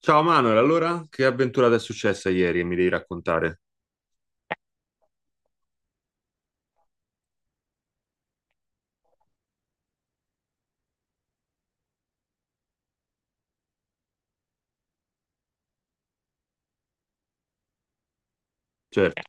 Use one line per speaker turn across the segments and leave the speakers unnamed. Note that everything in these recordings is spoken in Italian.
Ciao Manuel, allora che avventura ti è successa ieri e mi devi raccontare? Certo,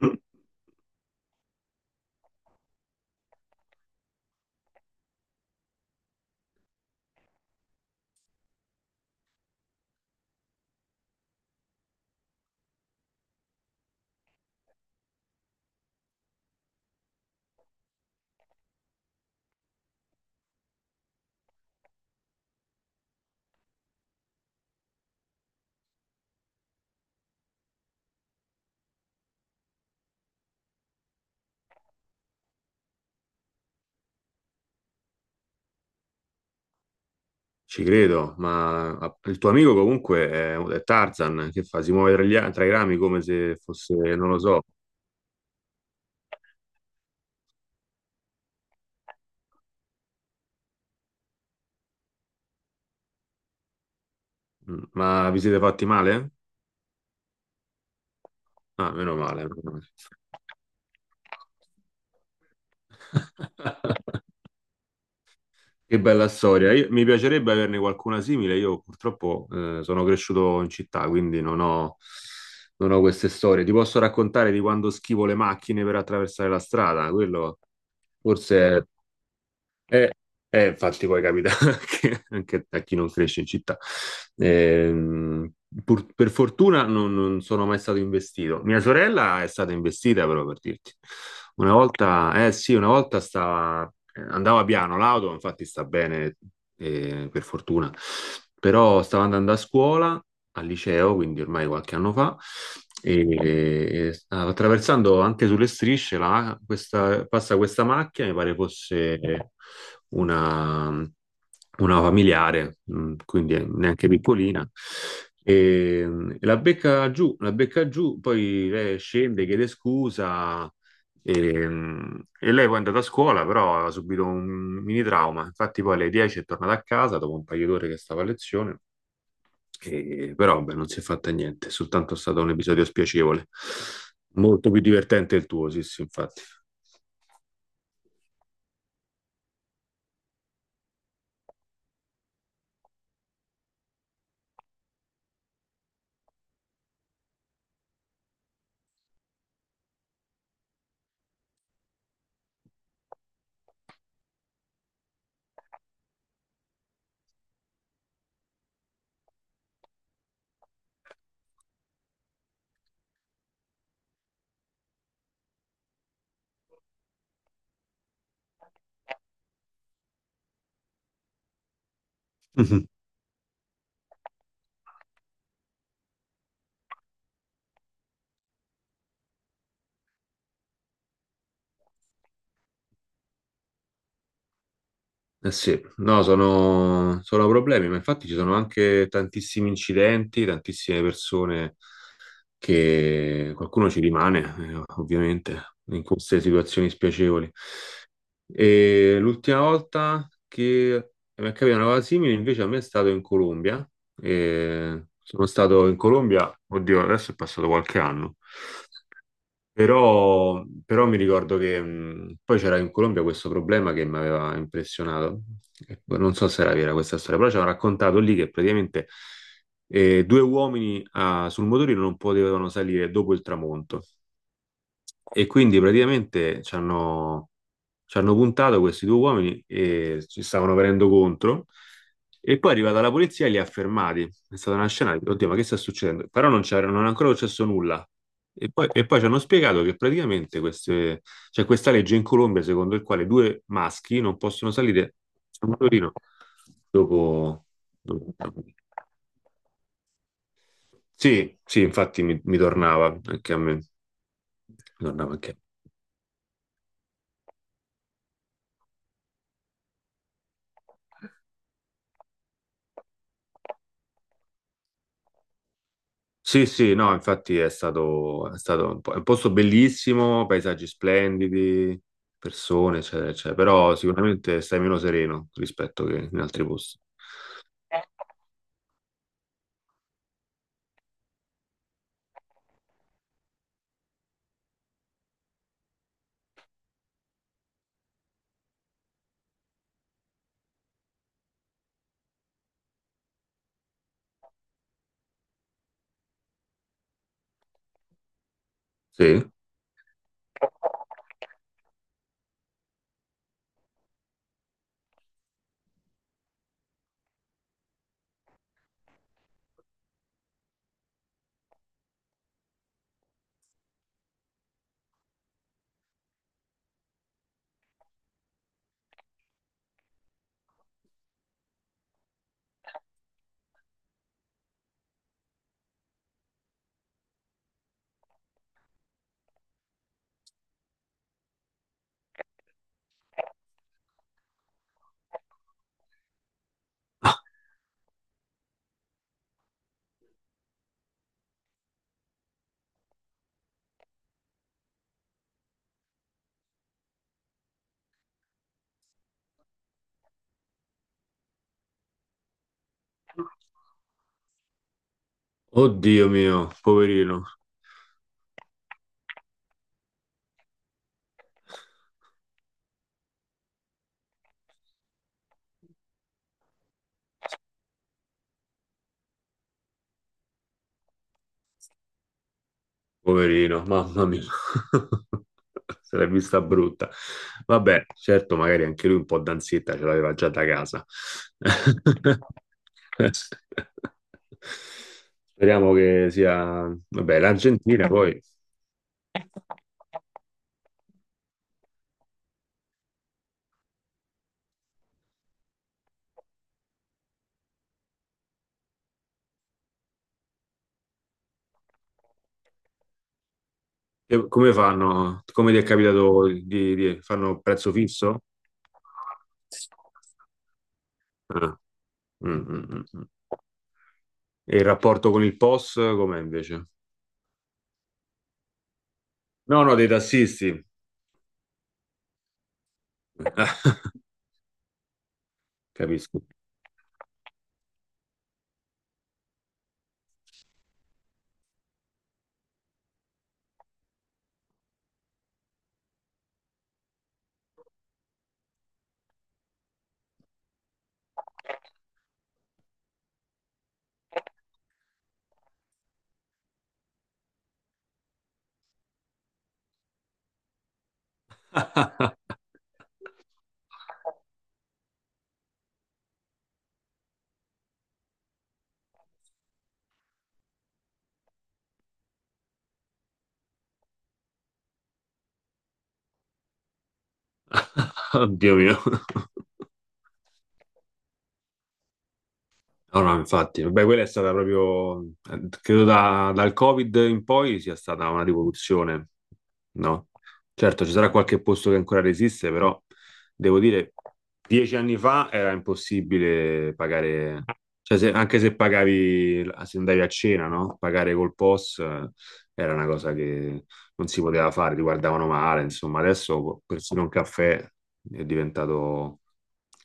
ci credo, ma il tuo amico comunque è Tarzan, che fa? Si muove tra i rami come se fosse, non lo so. Mm, ma vi siete fatti male? Ah, meno male. Meno male. Che bella storia. Mi piacerebbe averne qualcuna simile. Io purtroppo sono cresciuto in città, quindi non ho queste storie. Ti posso raccontare di quando schivo le macchine per attraversare la strada, quello. Forse è, Infatti poi capita anche a chi non cresce in città. Ehm, per fortuna non sono mai stato investito. Mia sorella è stata investita, però per dirti. Una volta, eh sì, una volta andava piano l'auto, infatti sta bene, per fortuna. Però stavo andando a scuola, al liceo, quindi ormai qualche anno fa, e stavo attraversando anche sulle strisce, passa questa macchina, mi pare fosse una, una familiare, quindi neanche piccolina. E, la becca giù, poi lei scende, chiede scusa, e lei poi è andata a scuola, però aveva subito un mini trauma. Infatti, poi alle 10 è tornata a casa dopo un paio d'ore che stava a lezione, però vabbè, non si è fatta niente, è soltanto stato un episodio spiacevole. Molto più divertente il tuo, sì, sì, infatti. Mhm. Eh sì, no, sono problemi, ma infatti ci sono anche tantissimi incidenti, tantissime persone che qualcuno ci rimane, ovviamente, in queste situazioni spiacevoli. E l'ultima volta che mi è capitata una cosa simile, invece, a me è stato in Colombia. E sono stato in Colombia, oddio, adesso è passato qualche anno. Però mi ricordo che poi c'era in Colombia questo problema che mi aveva impressionato. E poi non so se era vera questa storia, però ci hanno raccontato lì che praticamente due uomini sul motorino non potevano salire dopo il tramonto. E quindi praticamente ci hanno puntato questi due uomini e ci stavano venendo contro. E poi è arrivata la polizia e li ha fermati. È stata una scena, oddio, ma che sta succedendo? Però non c'era, non è ancora successo nulla. E poi ci hanno spiegato che praticamente c'è questa legge in Colombia secondo il quale due maschi non possono salire su un motorino dopo... dopo. Sì, sì, infatti mi tornava anche a me. Mi tornava anche a me. Sì, sì, no, infatti è un posto bellissimo, paesaggi splendidi, persone, eccetera, eccetera, però sicuramente stai meno sereno rispetto che in altri posti. Sì. Ah, oddio mio, poverino. Poverino, mamma mia, se l'è vista brutta. Vabbè, certo, magari anche lui un po' d'ansietta ce l'aveva già da casa. Speriamo che sia. Vabbè, l'Argentina poi. Come fanno? Come ti è capitato di- Fanno prezzo fisso? Ah, mm, mm, mm, mm. E il rapporto con il POS com'è invece? No, no, dei tassisti. Capisco. Dio mio. No, no, infatti, vabbè, quella è stata proprio, credo dal Covid in poi sia stata una rivoluzione, no? Certo, ci sarà qualche posto che ancora resiste, però devo dire, 10 anni fa era impossibile pagare, cioè anche se pagavi, se andavi a cena, no? Pagare col POS era una cosa che non si poteva fare, ti guardavano male, insomma, adesso persino un caffè è diventato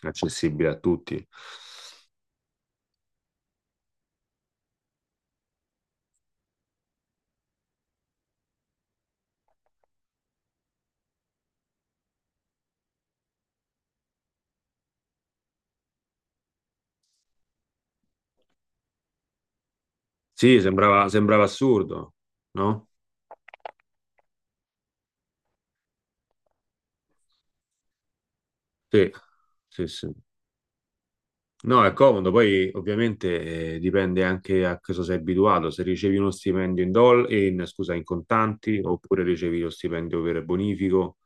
accessibile a tutti. Sì, sembrava assurdo, no? Sì, sì, sì. No, è comodo, poi ovviamente dipende anche a cosa sei abituato, se ricevi uno stipendio in, scusa, in contanti oppure ricevi lo stipendio per bonifico,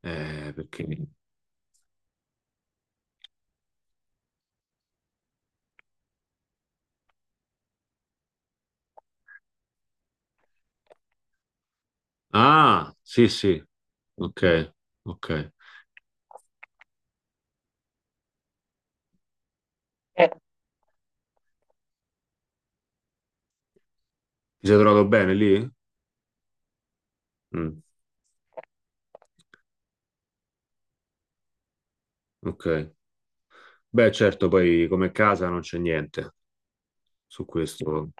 perché. Ah, sì, sì, ok, ok. Ti sei trovato bene lì? Mm, ok. Beh, certo, poi come casa non c'è niente su questo.